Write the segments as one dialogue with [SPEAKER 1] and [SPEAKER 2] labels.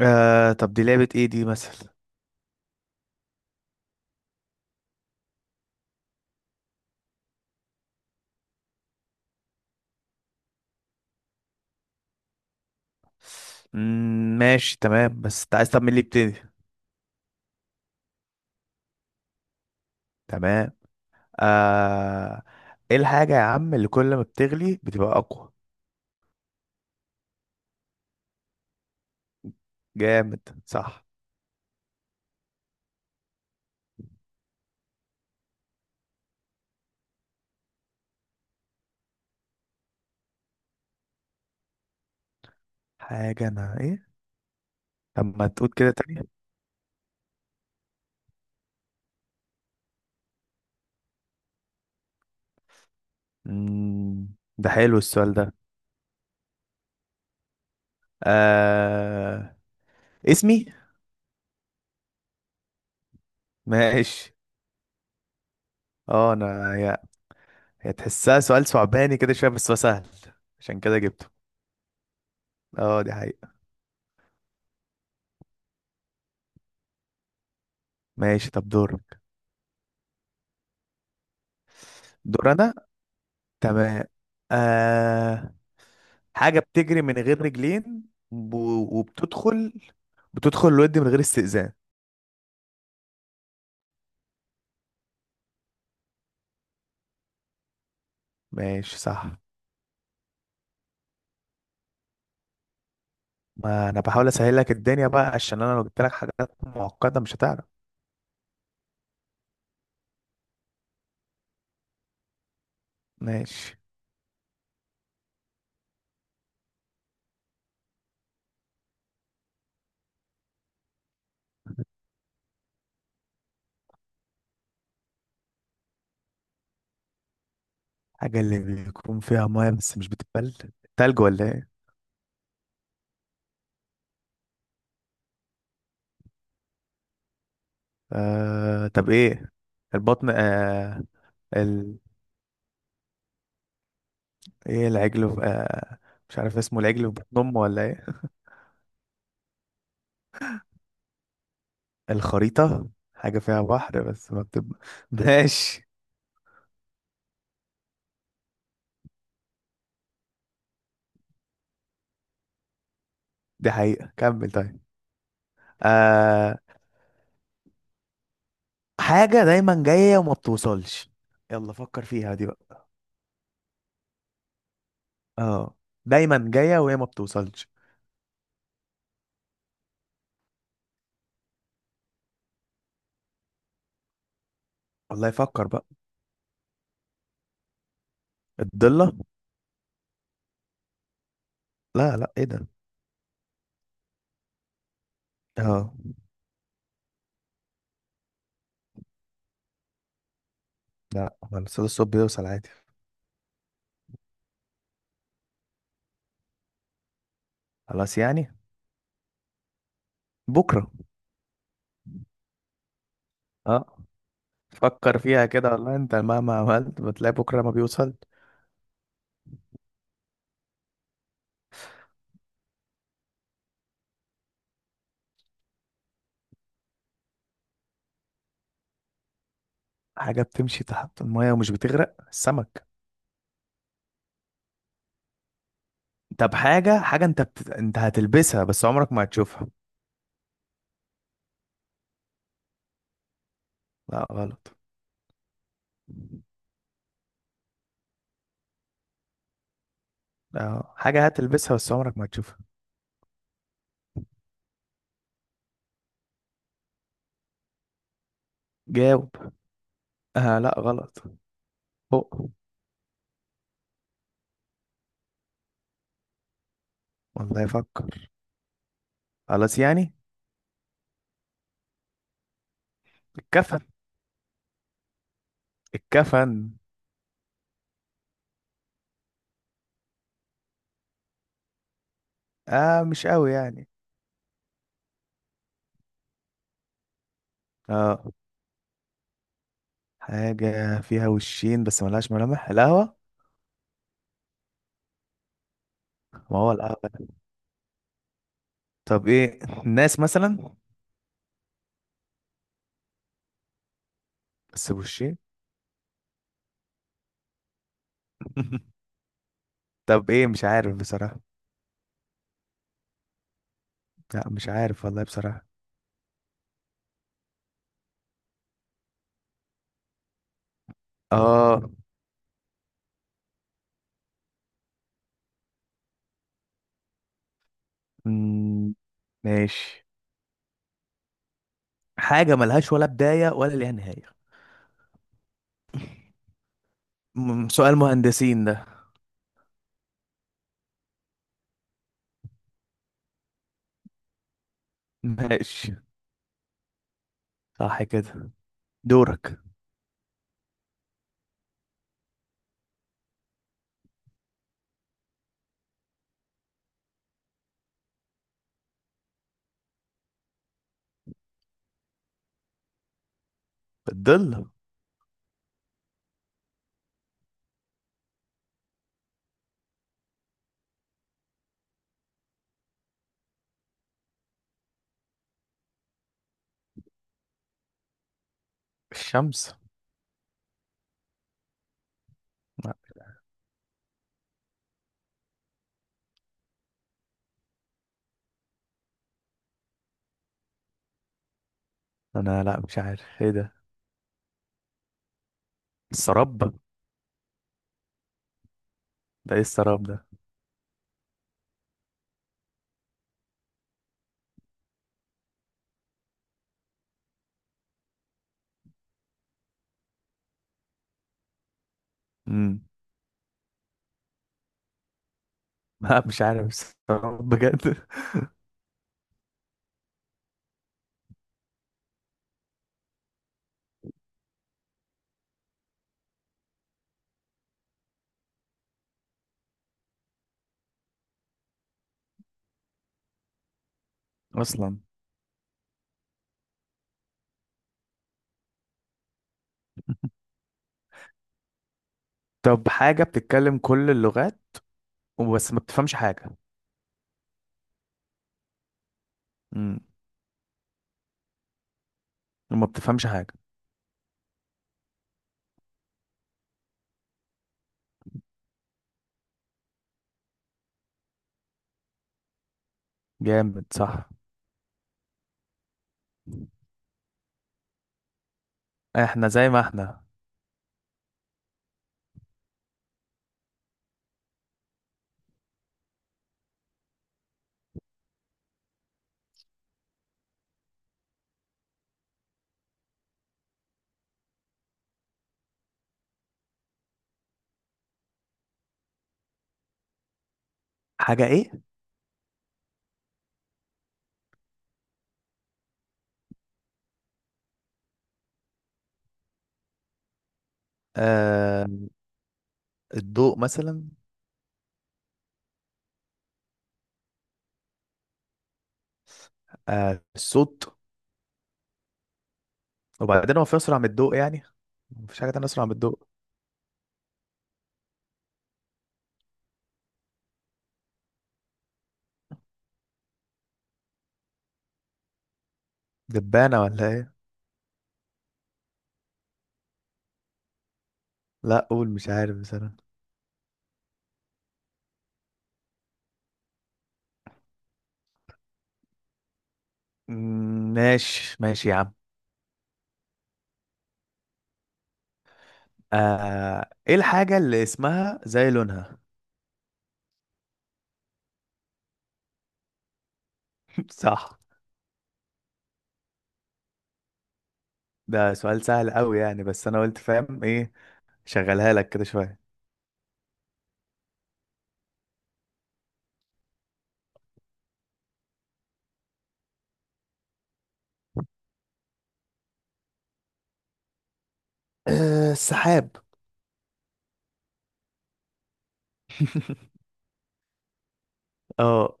[SPEAKER 1] آه، طب دي لعبة ايه دي مثلا؟ ماشي تمام. بس انت عايز، طب مين اللي يبتدي؟ تمام. آه، ايه الحاجة يا عم اللي كل ما بتغلي بتبقى اقوى؟ جامد، صح. حاجة انا ايه؟ طب ما تقول كده تاني. مم، ده حلو السؤال ده. آه، اسمي. ماشي. اه انا هي، هي تحسها سؤال صعباني كده شوية بس هو سهل، عشان كده جبته. اه دي حقيقة. ماشي طب دورك. دور انا. تمام. آه، حاجة بتجري من غير رجلين، ب- وبتدخل، بتدخل الود من غير استئذان. ماشي صح. ما انا بحاول اسهل لك الدنيا بقى، عشان انا لو جبت لك حاجات معقدة مش هتعرف. ماشي. حاجة اللي بيكون فيها مية بس مش بتتبل، تلج ولا ايه؟ طب ايه، البطن. ال... ايه العجل في. مش عارف اسمه، العجل في بطن امه ولا ايه؟ الخريطة. حاجة فيها بحر بس ما بتب... ماشي. دي حقيقة، كمل طيب. آه، حاجة دايما جاية وما بتوصلش، يلا فكر فيها دي بقى. اه، دايما جاية وهي ما بتوصلش. والله يفكر بقى. الضلة. لا لا، ايه ده؟ اه. لا، هو الصلاة الصبح بيوصل عادي. خلاص يعني. بكرة. اه، فكر فيها كده، والله انت مهما عملت بتلاقي بكرة ما بيوصل. حاجة بتمشي تحت المية ومش بتغرق، السمك. طب حاجة، انت هتلبسها بس عمرك ما هتشوفها. لا غلط. اه، حاجة هتلبسها بس عمرك ما هتشوفها. جاوب. آه لا، غلط. فوق. والله يفكر. خلاص يعني. الكفن. الكفن. اه، مش قوي يعني. اه، حاجة فيها وشين بس ملهاش ملامح، القهوة. ما هو القهوة، طب ايه، الناس مثلا. بس بوشين. طب ايه، مش عارف بصراحة. لا مش عارف والله بصراحة. اه. مم، ماشي. حاجة ملهاش ولا بداية ولا ليها نهاية. سؤال مهندسين ده. ماشي. صح كده. دورك. الظل. الشمس. انا لا مش عارف ايه ده. السراب ده، ايه السراب ده؟ امم. لا مش عارف السراب بجد. اصلا. طب حاجة بتتكلم كل اللغات وبس ما بتفهمش حاجة. امم. وما بتفهمش حاجة. جامد صح. احنا زي ما احنا. حاجة ايه؟ آه الضوء مثلا. آه الصوت. وبعدين هو في اسرع من الضوء يعني؟ مفيش حاجة تانية اسرع من الضوء. دبانة ولا ايه؟ لا قول، مش عارف بصراحة. ماشي ماشي يا عم. آه، ايه الحاجة اللي اسمها زي لونها؟ صح. ده سؤال سهل قوي يعني، بس انا قلت فاهم ايه، شغلها لك كده شوية. آه، السحاب. اه.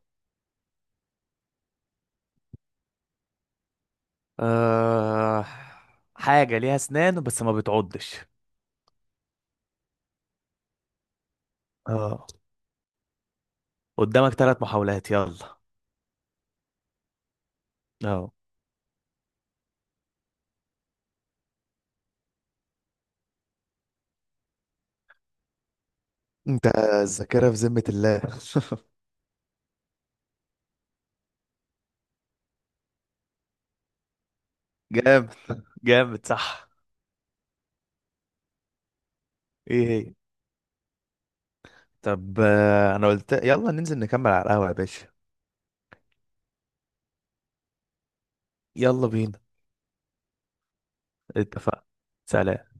[SPEAKER 1] آه، حاجة ليها اسنان بس ما بتعضش. اه، قدامك ثلاث محاولات يلا. اه انت. الذاكرة في ذمة الله. جامد. جامد صح. ايه هي؟ طب آه، انا قلت يلا ننزل نكمل على القهوة يا باشا. يلا بينا. اتفقنا، سلام.